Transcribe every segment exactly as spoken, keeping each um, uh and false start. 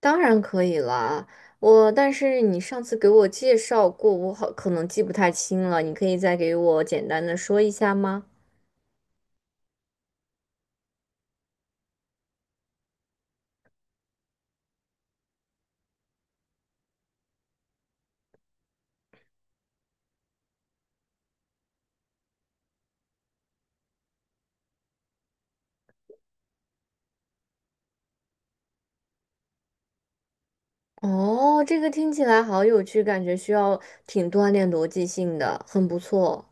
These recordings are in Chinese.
当然可以啦，我但是你上次给我介绍过，我好可能记不太清了，你可以再给我简单的说一下吗？哦，这个听起来好有趣，感觉需要挺锻炼逻辑性的，很不错。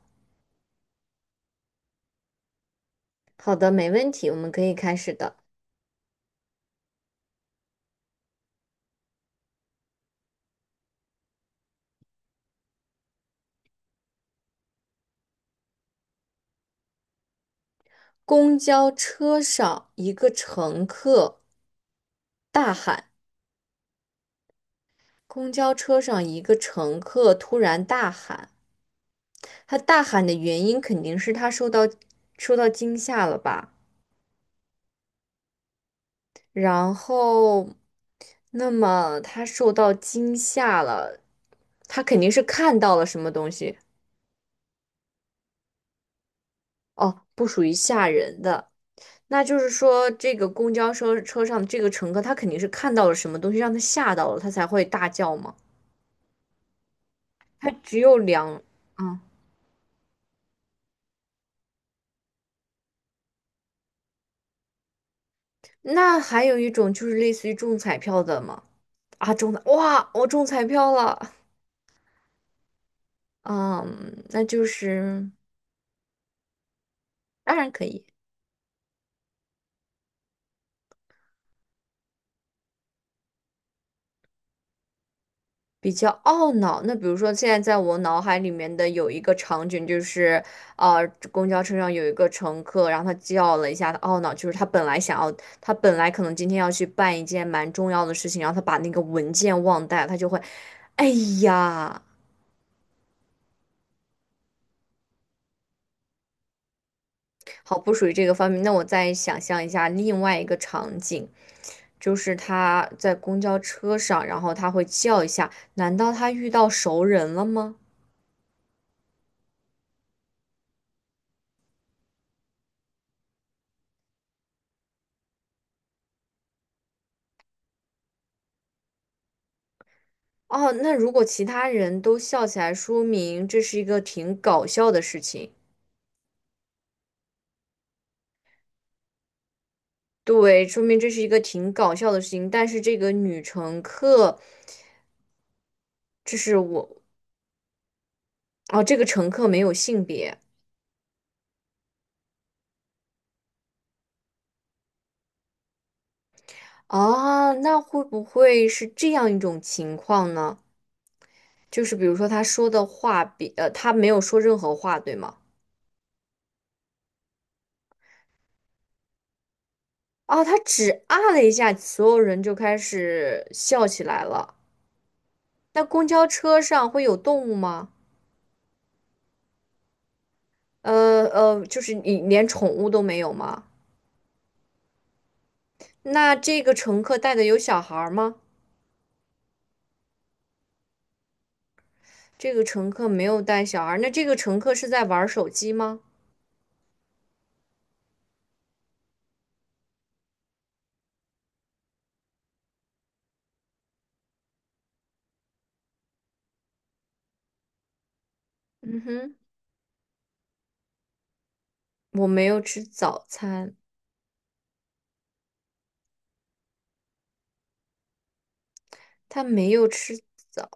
好的，没问题，我们可以开始的。公交车上，一个乘客大喊，公交车上一个乘客突然大喊，他大喊的原因肯定是他受到受到惊吓了吧？然后，那么他受到惊吓了，他肯定是看到了什么东西。哦，不属于吓人的。那就是说，这个公交车车上这个乘客，他肯定是看到了什么东西，让他吓到了，他才会大叫嘛。他只有两，嗯，那还有一种就是类似于中彩票的嘛，啊，中彩，哇，我中彩票了。嗯，那就是当然可以。比较懊恼，那比如说现在在我脑海里面的有一个场景，就是呃，公交车上有一个乘客，然后他叫了一下，他懊恼，就是他本来想要，他本来可能今天要去办一件蛮重要的事情，然后他把那个文件忘带了他就会，哎呀。好，不属于这个方面。那我再想象一下另外一个场景，就是他在公交车上，然后他会叫一下，难道他遇到熟人了吗？哦，那如果其他人都笑起来，说明这是一个挺搞笑的事情。对，说明这是一个挺搞笑的事情。但是这个女乘客，这是我，哦，这个乘客没有性别啊，那会不会是这样一种情况呢？就是比如说他说的话比，呃，他没有说任何话，对吗？啊，他只啊了一下，所有人就开始笑起来了。那公交车上会有动物吗？呃呃，就是你连宠物都没有吗？那这个乘客带的有小孩儿吗？这个乘客没有带小孩儿，那这个乘客是在玩手机吗？嗯哼，我没有吃早餐，他没有吃早，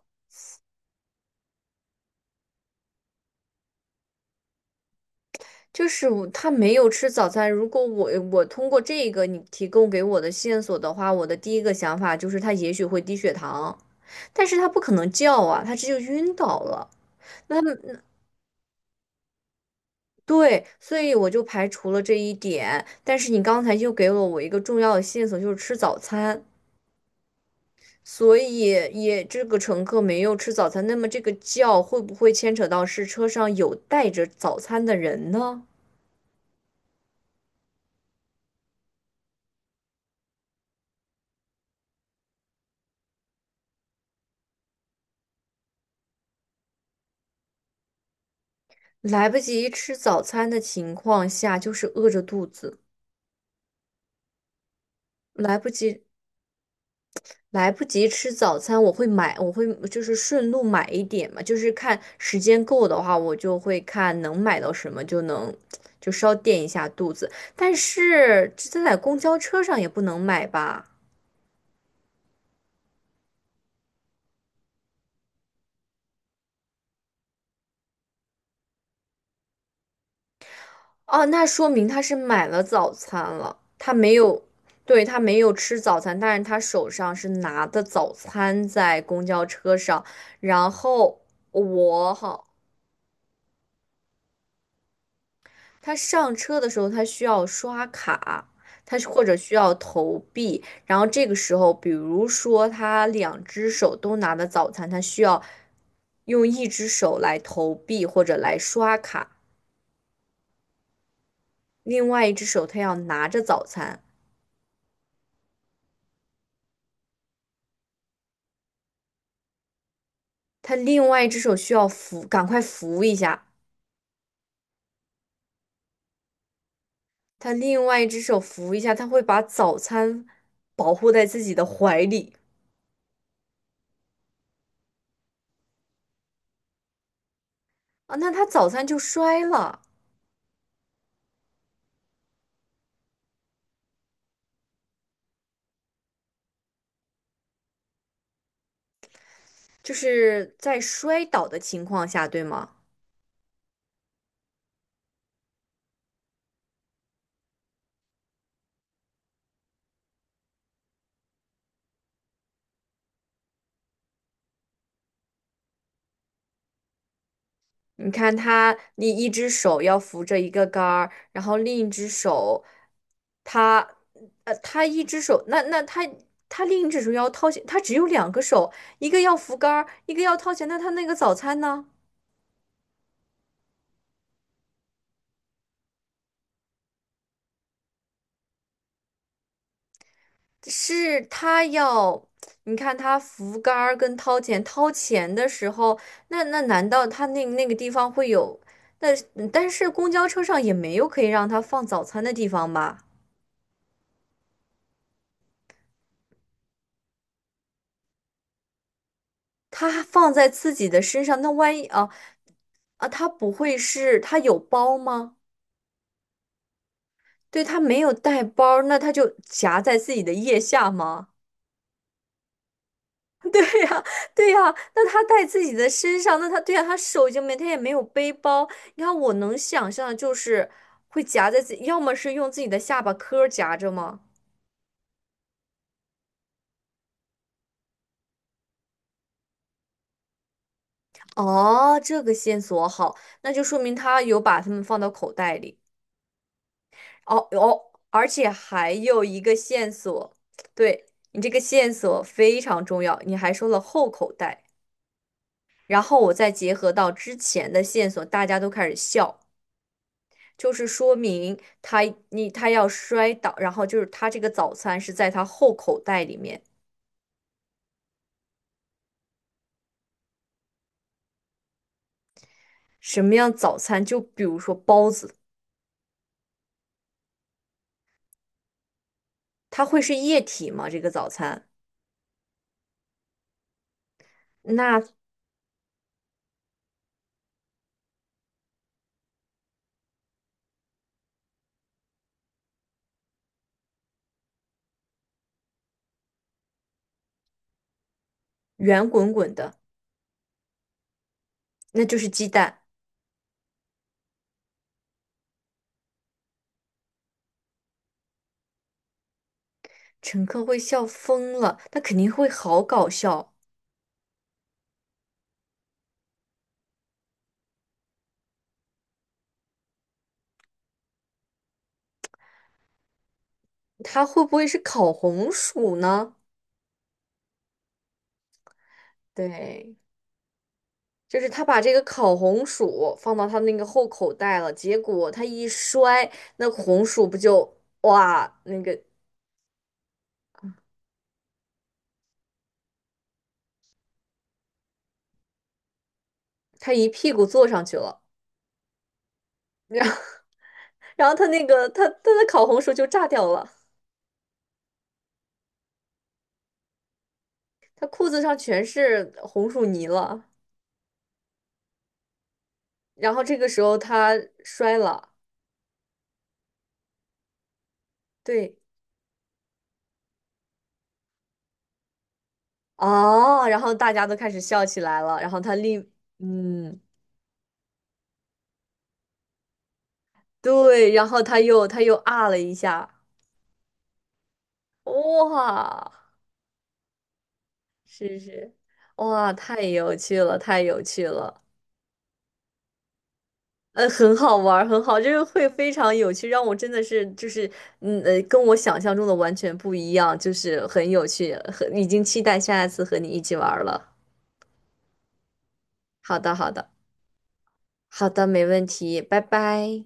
就是我他没有吃早餐。如果我我通过这个你提供给我的线索的话，我的第一个想法就是他也许会低血糖，但是他不可能叫啊，他这就晕倒了。那。对，所以我就排除了这一点。但是你刚才又给了我一个重要的线索，就是吃早餐。所以也这个乘客没有吃早餐，那么这个叫会不会牵扯到是车上有带着早餐的人呢？来不及吃早餐的情况下，就是饿着肚子，来不及来不及吃早餐，我会买，我会就是顺路买一点嘛，就是看时间够的话，我就会看能买到什么就能就稍垫一下肚子。但是这在公交车上也不能买吧？哦，那说明他是买了早餐了，他没有，对，他没有吃早餐，但是他手上是拿的早餐在公交车上，然后我好，他上车的时候，他需要刷卡，他是或者需要投币。然后这个时候，比如说他两只手都拿的早餐，他需要用一只手来投币或者来刷卡，另外一只手他要拿着早餐，他另外一只手需要扶，赶快扶一下，他另外一只手扶一下，他会把早餐保护在自己的怀里。啊，那他早餐就摔了，就是在摔倒的情况下，对吗？你看他，你一只手要扶着一个杆儿，然后另一只手，他，呃，他一只手，那那他他另一只手要掏钱，他只有两个手，一个要扶杆儿，一个要掏钱，那他那个早餐呢？是他要，你看他扶杆儿跟掏钱，掏钱的时候，那那难道他那那个地方会有？那但是公交车上也没有可以让他放早餐的地方吧？他放在自己的身上，那万一啊？啊，他不会是他有包吗？对，他没有带包，那他就夹在自己的腋下吗？对呀，对呀，那他带自己的身上，那他对呀，他手已经没，他也没有背包。你看，我能想象的就是会夹在自己，要么是用自己的下巴颏儿夹着吗？哦，这个线索好，那就说明他有把它们放到口袋里。哦哦，而且还有一个线索，对，你这个线索非常重要，你还说了后口袋。然后我再结合到之前的线索，大家都开始笑，就是说明他你他要摔倒，然后就是他这个早餐是在他后口袋里面。什么样早餐？就比如说包子。它会是液体吗？这个早餐那圆滚滚的，那就是鸡蛋。乘客会笑疯了，那肯定会好搞笑。它会不会是烤红薯呢？对，就是他把这个烤红薯放到他那个后口袋了，结果他一摔。那红薯不就哇！那个他一屁股坐上去了。然后 然后他那个他他的烤红薯就炸掉了，他裤子上全是红薯泥了，然后这个时候他摔了。对，哦，然后大家都开始笑起来了，然后他立，嗯，对，然后他又他又啊了一下。哇。是是，哇，太有趣了，太有趣了，呃，很好玩儿，很好，就是会非常有趣，让我真的是就是，嗯呃，跟我想象中的完全不一样，就是很有趣，很已经期待下一次和你一起玩儿了。好的，好的，好的，没问题，拜拜。